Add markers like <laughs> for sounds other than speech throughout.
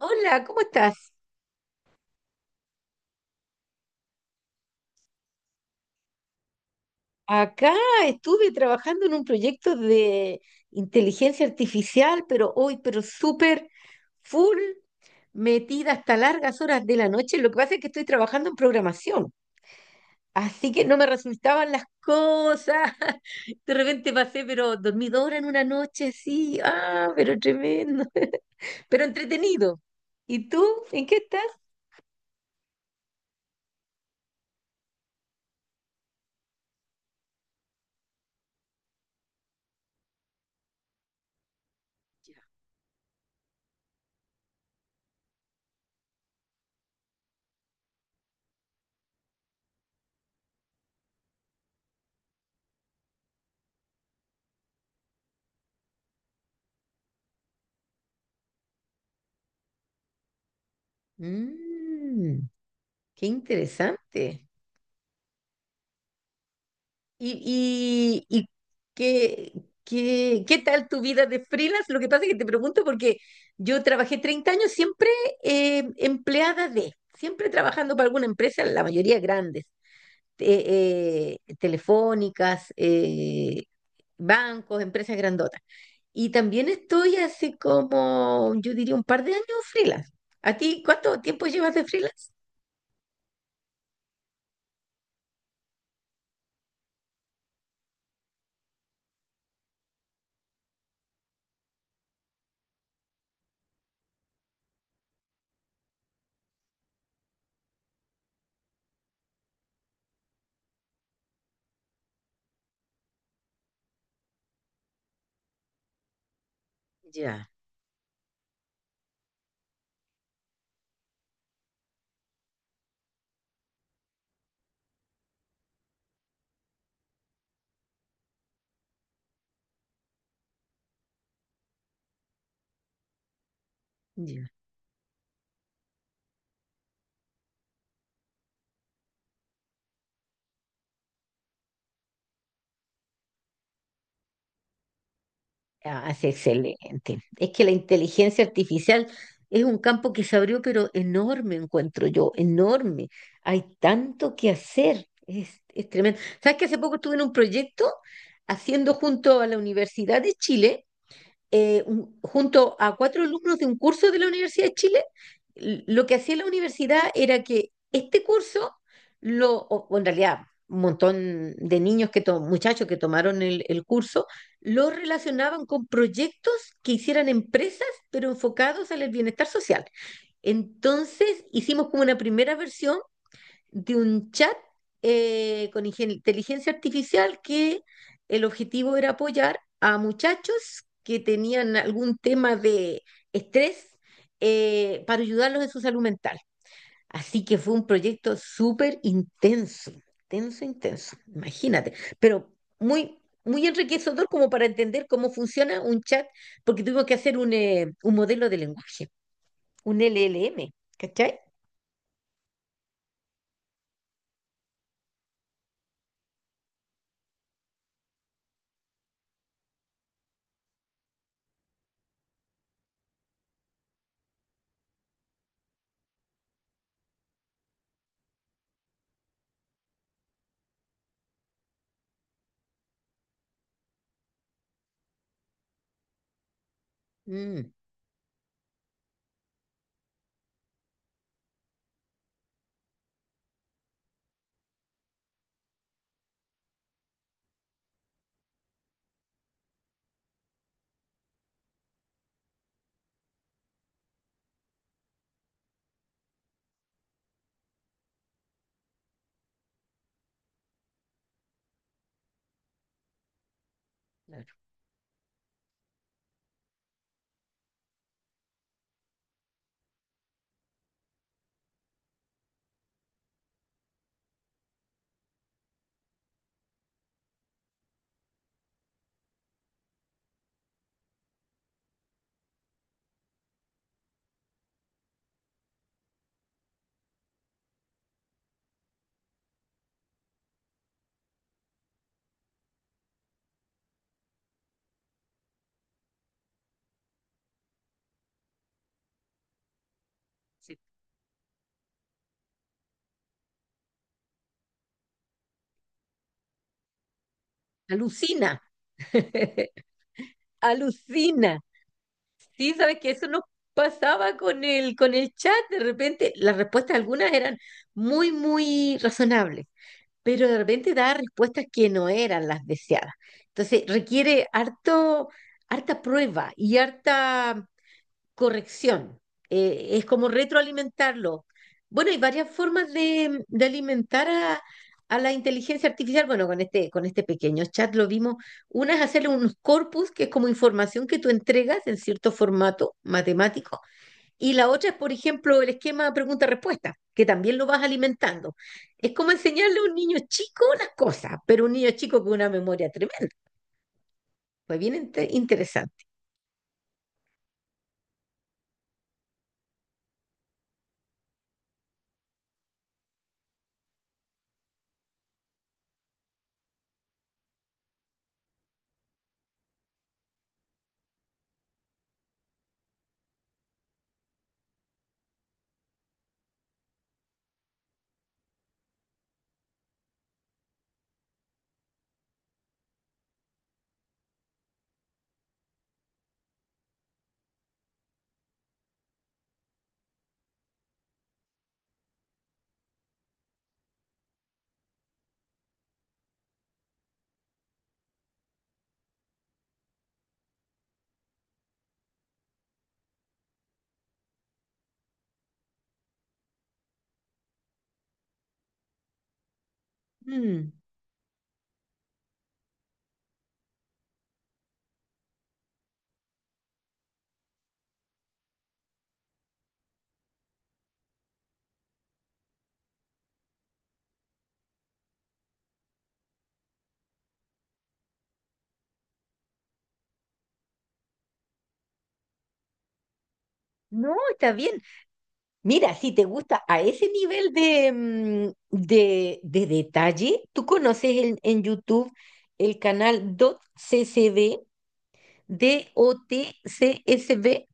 Hola, ¿cómo estás? Acá estuve trabajando en un proyecto de inteligencia artificial, pero hoy, pero súper full, metida hasta largas horas de la noche. Lo que pasa es que estoy trabajando en programación, así que no me resultaban las cosas. <laughs> De repente pasé, pero dormí dos horas en una noche, sí, ah, pero tremendo, <laughs> pero entretenido. ¿Y tú? ¿En qué estás? Mm, qué interesante. ¿Y qué, qué tal tu vida de freelance? Lo que pasa es que te pregunto porque yo trabajé 30 años siempre empleada de, siempre trabajando para alguna empresa, la mayoría grandes, telefónicas, bancos, empresas grandotas. Y también estoy hace como, yo diría, un par de años freelance. ¿A ti cuánto tiempo llevas de freelance? Ya, ya. Ah, sí, excelente. Es que la inteligencia artificial es un campo que se abrió, pero enorme, encuentro yo, enorme. Hay tanto que hacer, es tremendo. ¿Sabes que hace poco estuve en un proyecto haciendo junto a la Universidad de Chile junto a cuatro alumnos de un curso de la Universidad de Chile, lo que hacía la universidad era que este curso, o en realidad un montón de niños, muchachos que tomaron el curso, lo relacionaban con proyectos que hicieran empresas, pero enfocados al bienestar social. Entonces hicimos como una primera versión de un chat con inteligencia artificial que el objetivo era apoyar a muchachos que tenían algún tema de estrés para ayudarlos en su salud mental. Así que fue un proyecto súper intenso, intenso, intenso, imagínate, pero muy... Muy enriquecedor como para entender cómo funciona un chat, porque tuvimos que hacer un modelo de lenguaje, un LLM, ¿cachai? Mm, claro. Alucina. <laughs> Alucina. Sí, sabes que eso nos pasaba con el chat. De repente, las respuestas algunas eran muy, muy razonables, pero de repente daba respuestas que no eran las deseadas. Entonces, requiere harto, harta prueba y harta corrección, es como retroalimentarlo. Bueno, hay varias formas de alimentar a la inteligencia artificial. Bueno, con este pequeño chat lo vimos. Una es hacerle unos corpus, que es como información que tú entregas en cierto formato matemático. Y la otra es, por ejemplo, el esquema pregunta-respuesta, que también lo vas alimentando. Es como enseñarle a un niño chico las cosas, pero un niño chico con una memoria tremenda. Pues bien interesante. Mm. No, está bien. Mira, si te gusta a ese nivel de detalle, tú conoces en YouTube el canal c d o t DotCCB, DOTCSB.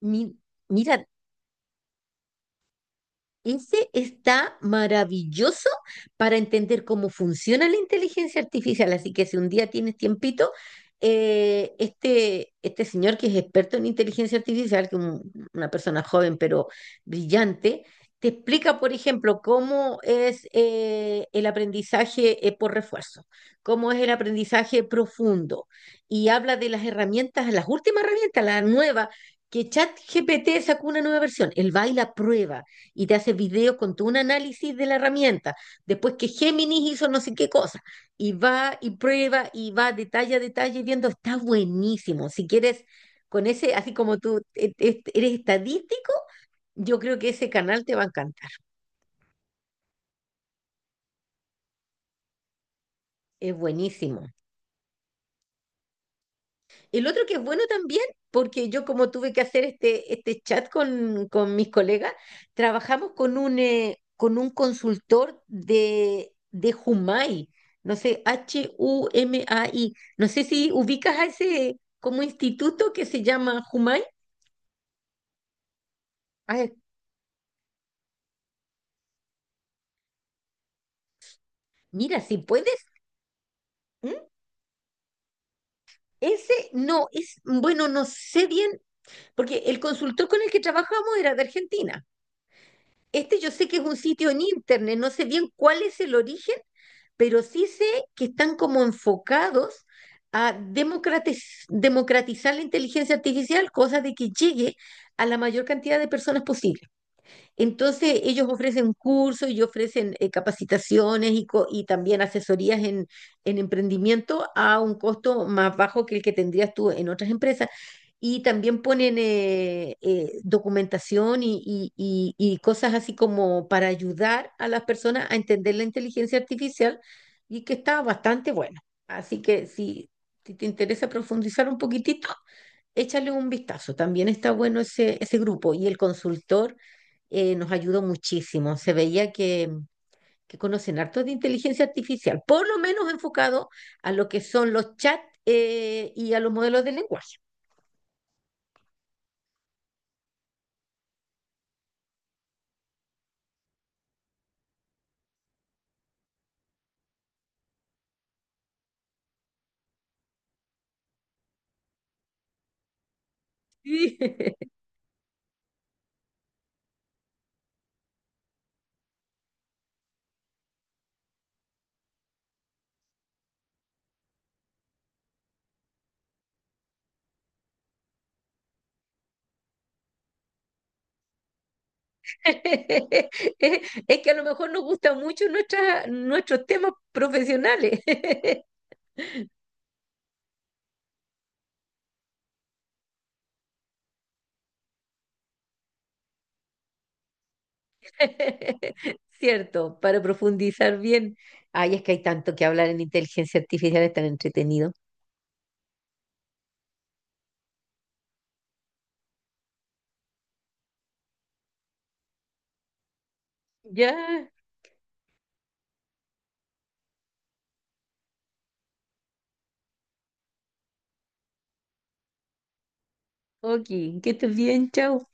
Mi- Mira, ese está maravilloso para entender cómo funciona la inteligencia artificial. Así que si un día tienes tiempito, este señor que es experto en inteligencia artificial, que una persona joven pero brillante, te explica, por ejemplo, cómo es el aprendizaje por refuerzo, cómo es el aprendizaje profundo. Y habla de las herramientas, las últimas herramientas, la nueva, que ChatGPT sacó una nueva versión, el baila prueba y te hace videos con todo un análisis de la herramienta. Después que Géminis hizo no sé qué cosa, y va y prueba y va detalle a detalle viendo, está buenísimo. Si quieres, con ese, así como tú eres estadístico, yo creo que ese canal te va a encantar. Es buenísimo. El otro que es bueno también, porque yo como tuve que hacer este chat con mis colegas, trabajamos con un consultor de Humai, no sé, Humai, no sé si ubicas a ese como instituto que se llama Humai. Ah, mira, si puedes, ¿m? Ese no, es, bueno, no sé bien, porque el consultor con el que trabajamos era de Argentina. Este yo sé que es un sitio en internet, no sé bien cuál es el origen, pero sí sé que están como enfocados a democratizar la inteligencia artificial, cosa de que llegue a la mayor cantidad de personas posible. Entonces, ellos ofrecen cursos y ofrecen capacitaciones y también asesorías en, emprendimiento a un costo más bajo que el que tendrías tú en otras empresas. Y también ponen documentación y cosas así como para ayudar a las personas a entender la inteligencia artificial y que está bastante bueno. Así que si, te interesa profundizar un poquitito, échale un vistazo. También está bueno ese grupo y el consultor, nos ayudó muchísimo. Se veía que conocen harto de inteligencia artificial, por lo menos enfocado a lo que son los chats y a los modelos de lenguaje. Sí. <laughs> Es es que a lo mejor nos gustan mucho nuestras, nuestros temas profesionales, <laughs> <laughs> ¿cierto? Para profundizar bien. Ay, es que hay tanto que hablar en inteligencia artificial, es tan entretenido. Ya. Ok, que estés bien, chao.